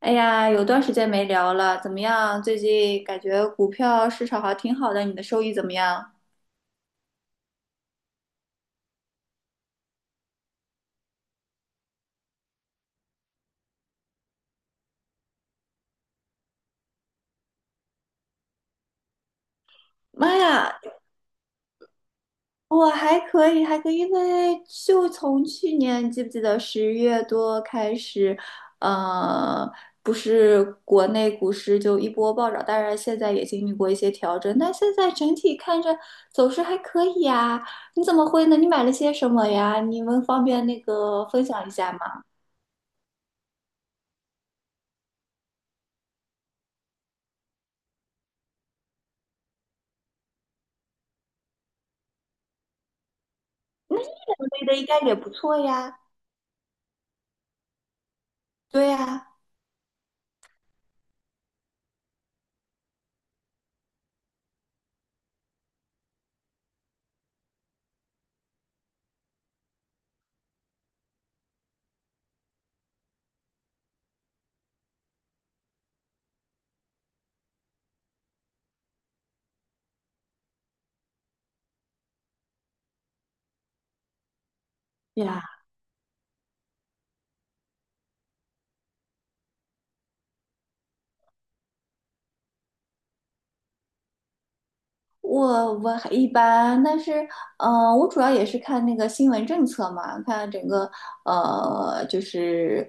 哎呀，有段时间没聊了，怎么样？最近感觉股票市场还挺好的，你的收益怎么样？妈呀，我还可以，还可以，因为就从去年，你记不记得十月多开始，呃，不是国内股市就一波暴涨，当然现在也经历过一些调整，但现在整体看着走势还可以呀。你怎么会呢？你买了些什么呀？你们方便那个分享一下吗？我觉的应该也不错呀。对呀。对呀，我还一般，但是，嗯，我主要也是看那个新闻政策嘛，看整个，就是，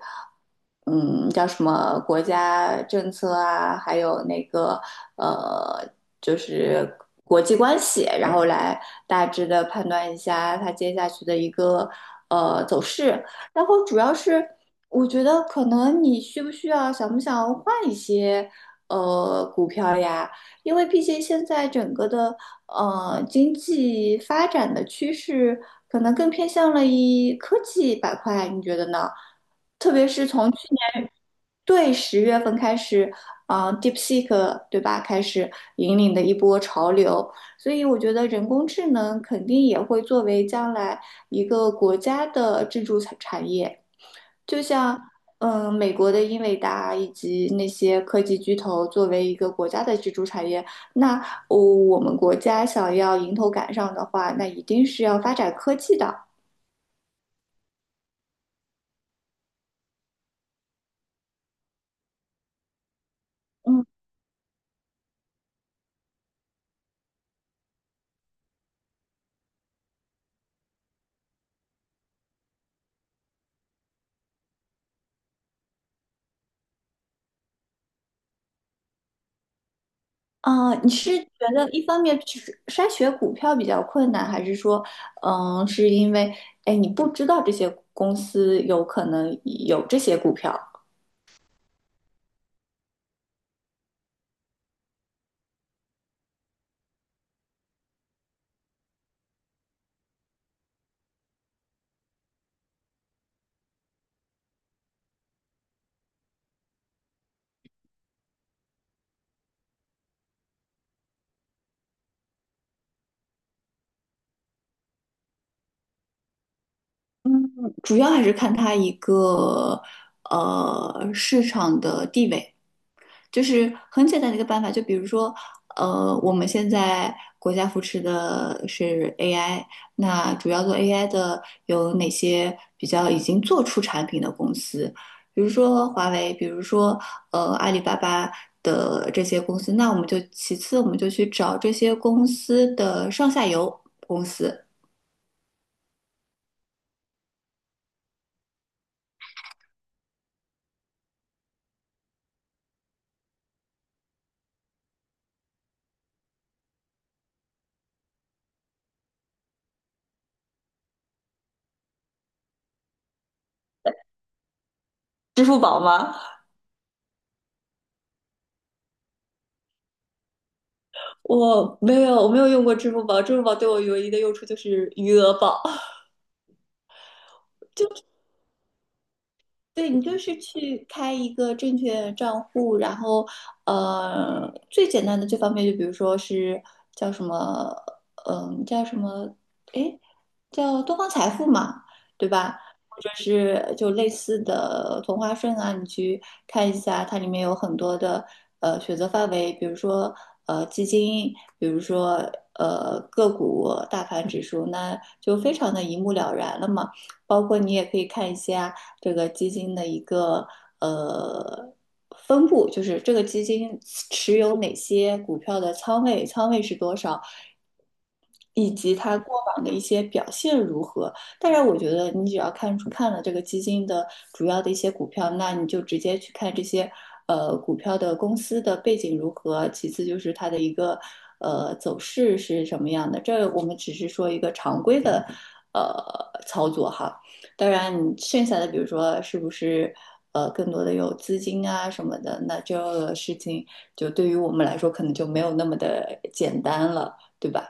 嗯，叫什么国家政策啊，还有那个，呃，就是国际关系，然后来大致的判断一下它接下去的一个，走势。然后主要是，我觉得可能你需不需要，想不想换一些，股票呀？因为毕竟现在整个的经济发展的趋势，可能更偏向了一科技板块，你觉得呢？特别是从去年对十月份开始，啊、d e e p s e e k 对吧，开始引领的一波潮流，所以我觉得人工智能肯定也会作为将来一个国家的支柱产业。就像美国的英伟达以及那些科技巨头作为一个国家的支柱产业，那哦我们国家想要迎头赶上的话，那一定是要发展科技的。嗯啊、你是觉得一方面是筛选股票比较困难，还是说，嗯、是因为哎你不知道这些公司有可能有这些股票，主要还是看它一个市场的地位。就是很简单的一个办法，就比如说，我们现在国家扶持的是 AI，那主要做 AI 的有哪些比较已经做出产品的公司？比如说华为，比如说阿里巴巴的这些公司，那我们就其次我们就去找这些公司的上下游公司。支付宝吗？我没有，我没有用过支付宝。支付宝对我唯一的用处就是余额宝。对你就是去开一个证券账户，然后最简单的这方面就比如说是叫什么，嗯、叫什么，哎，叫东方财富嘛，对吧？或者是就类似的同花顺啊，你去看一下，它里面有很多的选择范围，比如说基金，比如说个股、大盘指数，那就非常的一目了然了嘛。包括你也可以看一下这个基金的一个呃分布，就是这个基金持有哪些股票的仓位，仓位是多少，以及它过往的一些表现如何。当然，我觉得你只要看了这个基金的主要的一些股票，那你就直接去看这些股票的公司的背景如何，其次就是它的一个走势是什么样的。这我们只是说一个常规的呃操作哈。当然，你剩下的比如说是不是更多的有资金啊什么的，那这个事情就对于我们来说可能就没有那么的简单了，对吧？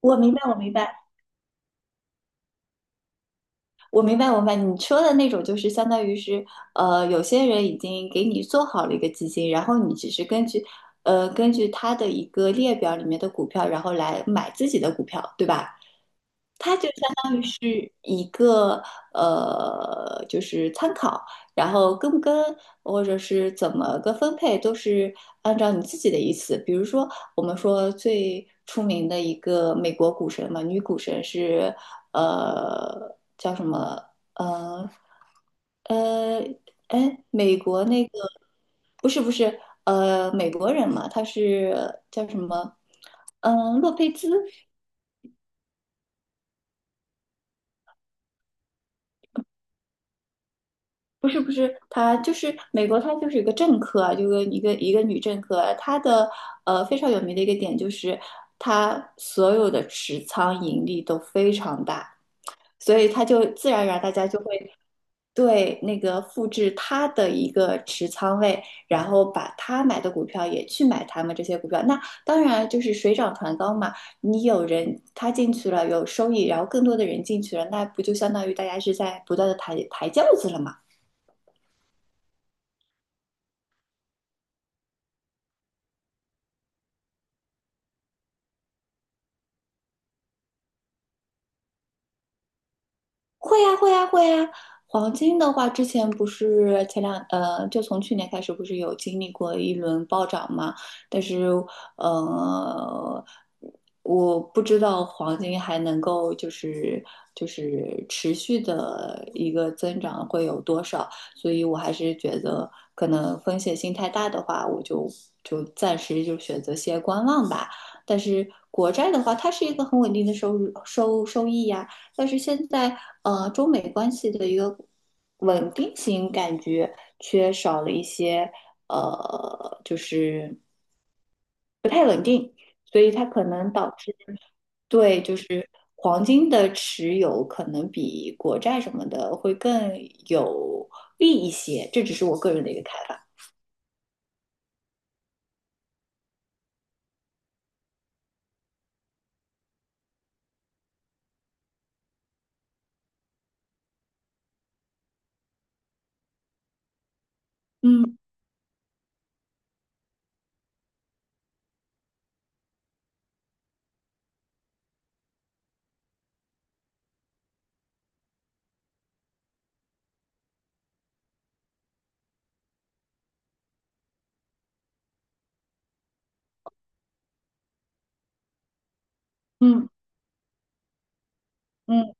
我明白，我明白，我明白，我明白。你说的那种就是相当于是，有些人已经给你做好了一个基金，然后你只是根据，根据他的一个列表里面的股票，然后来买自己的股票，对吧？它就相当于是一个就是参考，然后跟不跟，或者是怎么个分配，都是按照你自己的意思。比如说，我们说最出名的一个美国股神嘛，女股神是叫什么？呃呃，哎，美国那个不是不是美国人嘛，他是叫什么？嗯、洛佩兹。不是，她就是美国，她就是一个政客啊，就是一个女政客啊。她的非常有名的一个点就是，她所有的持仓盈利都非常大，所以她就自然而然大家就会对那个复制她的一个持仓位，然后把她买的股票也去买他们这些股票。那当然就是水涨船高嘛，你有人他进去了有收益，然后更多的人进去了，那不就相当于大家是在不断的抬轿子了嘛？会呀，会呀，会呀。黄金的话，之前不是前两就从去年开始，不是有经历过一轮暴涨嘛？但是呃，我不知道黄金还能够就是就是持续的一个增长会有多少，所以我还是觉得可能风险性太大的话，就暂时就选择先观望吧。但是国债的话，它是一个很稳定的收入收收益呀。但是现在中美关系的一个稳定性感觉缺少了一些就是硬，所以它可能导致对就是黄金的持有可能比国债什么的会更有利一些，这只是我个人的一个看法。嗯。嗯。嗯。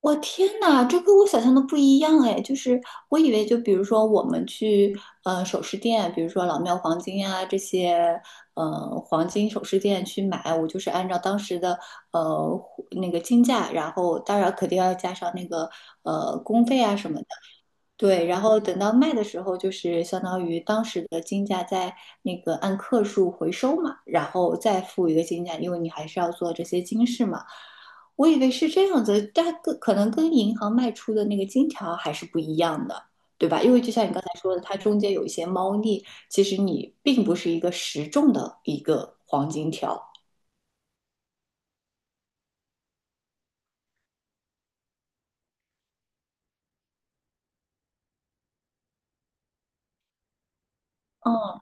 我天呐，这跟我想象的不一样哎！就是我以为，就比如说我们去首饰店，比如说老庙黄金啊这些，黄金首饰店去买，我就是按照当时的呃那个金价，然后当然肯定要加上那个工费啊什么对，然后等到卖的时候，就是相当于当时的金价在那个按克数回收嘛，然后再付一个金价，因为你还是要做这些金饰嘛。我以为是这样子，但跟可能跟银行卖出的那个金条还是不一样的，对吧？因为就像你刚才说的，它中间有一些猫腻，其实你并不是一个实重的一个黄金条。嗯，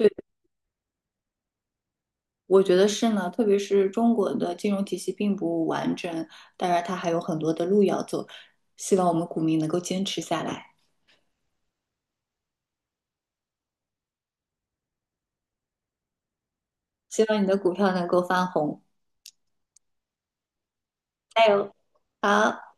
对。我觉得是呢，特别是中国的金融体系并不完整，当然它还有很多的路要走。希望我们股民能够坚持下来，希望你的股票能够翻红，加油！好。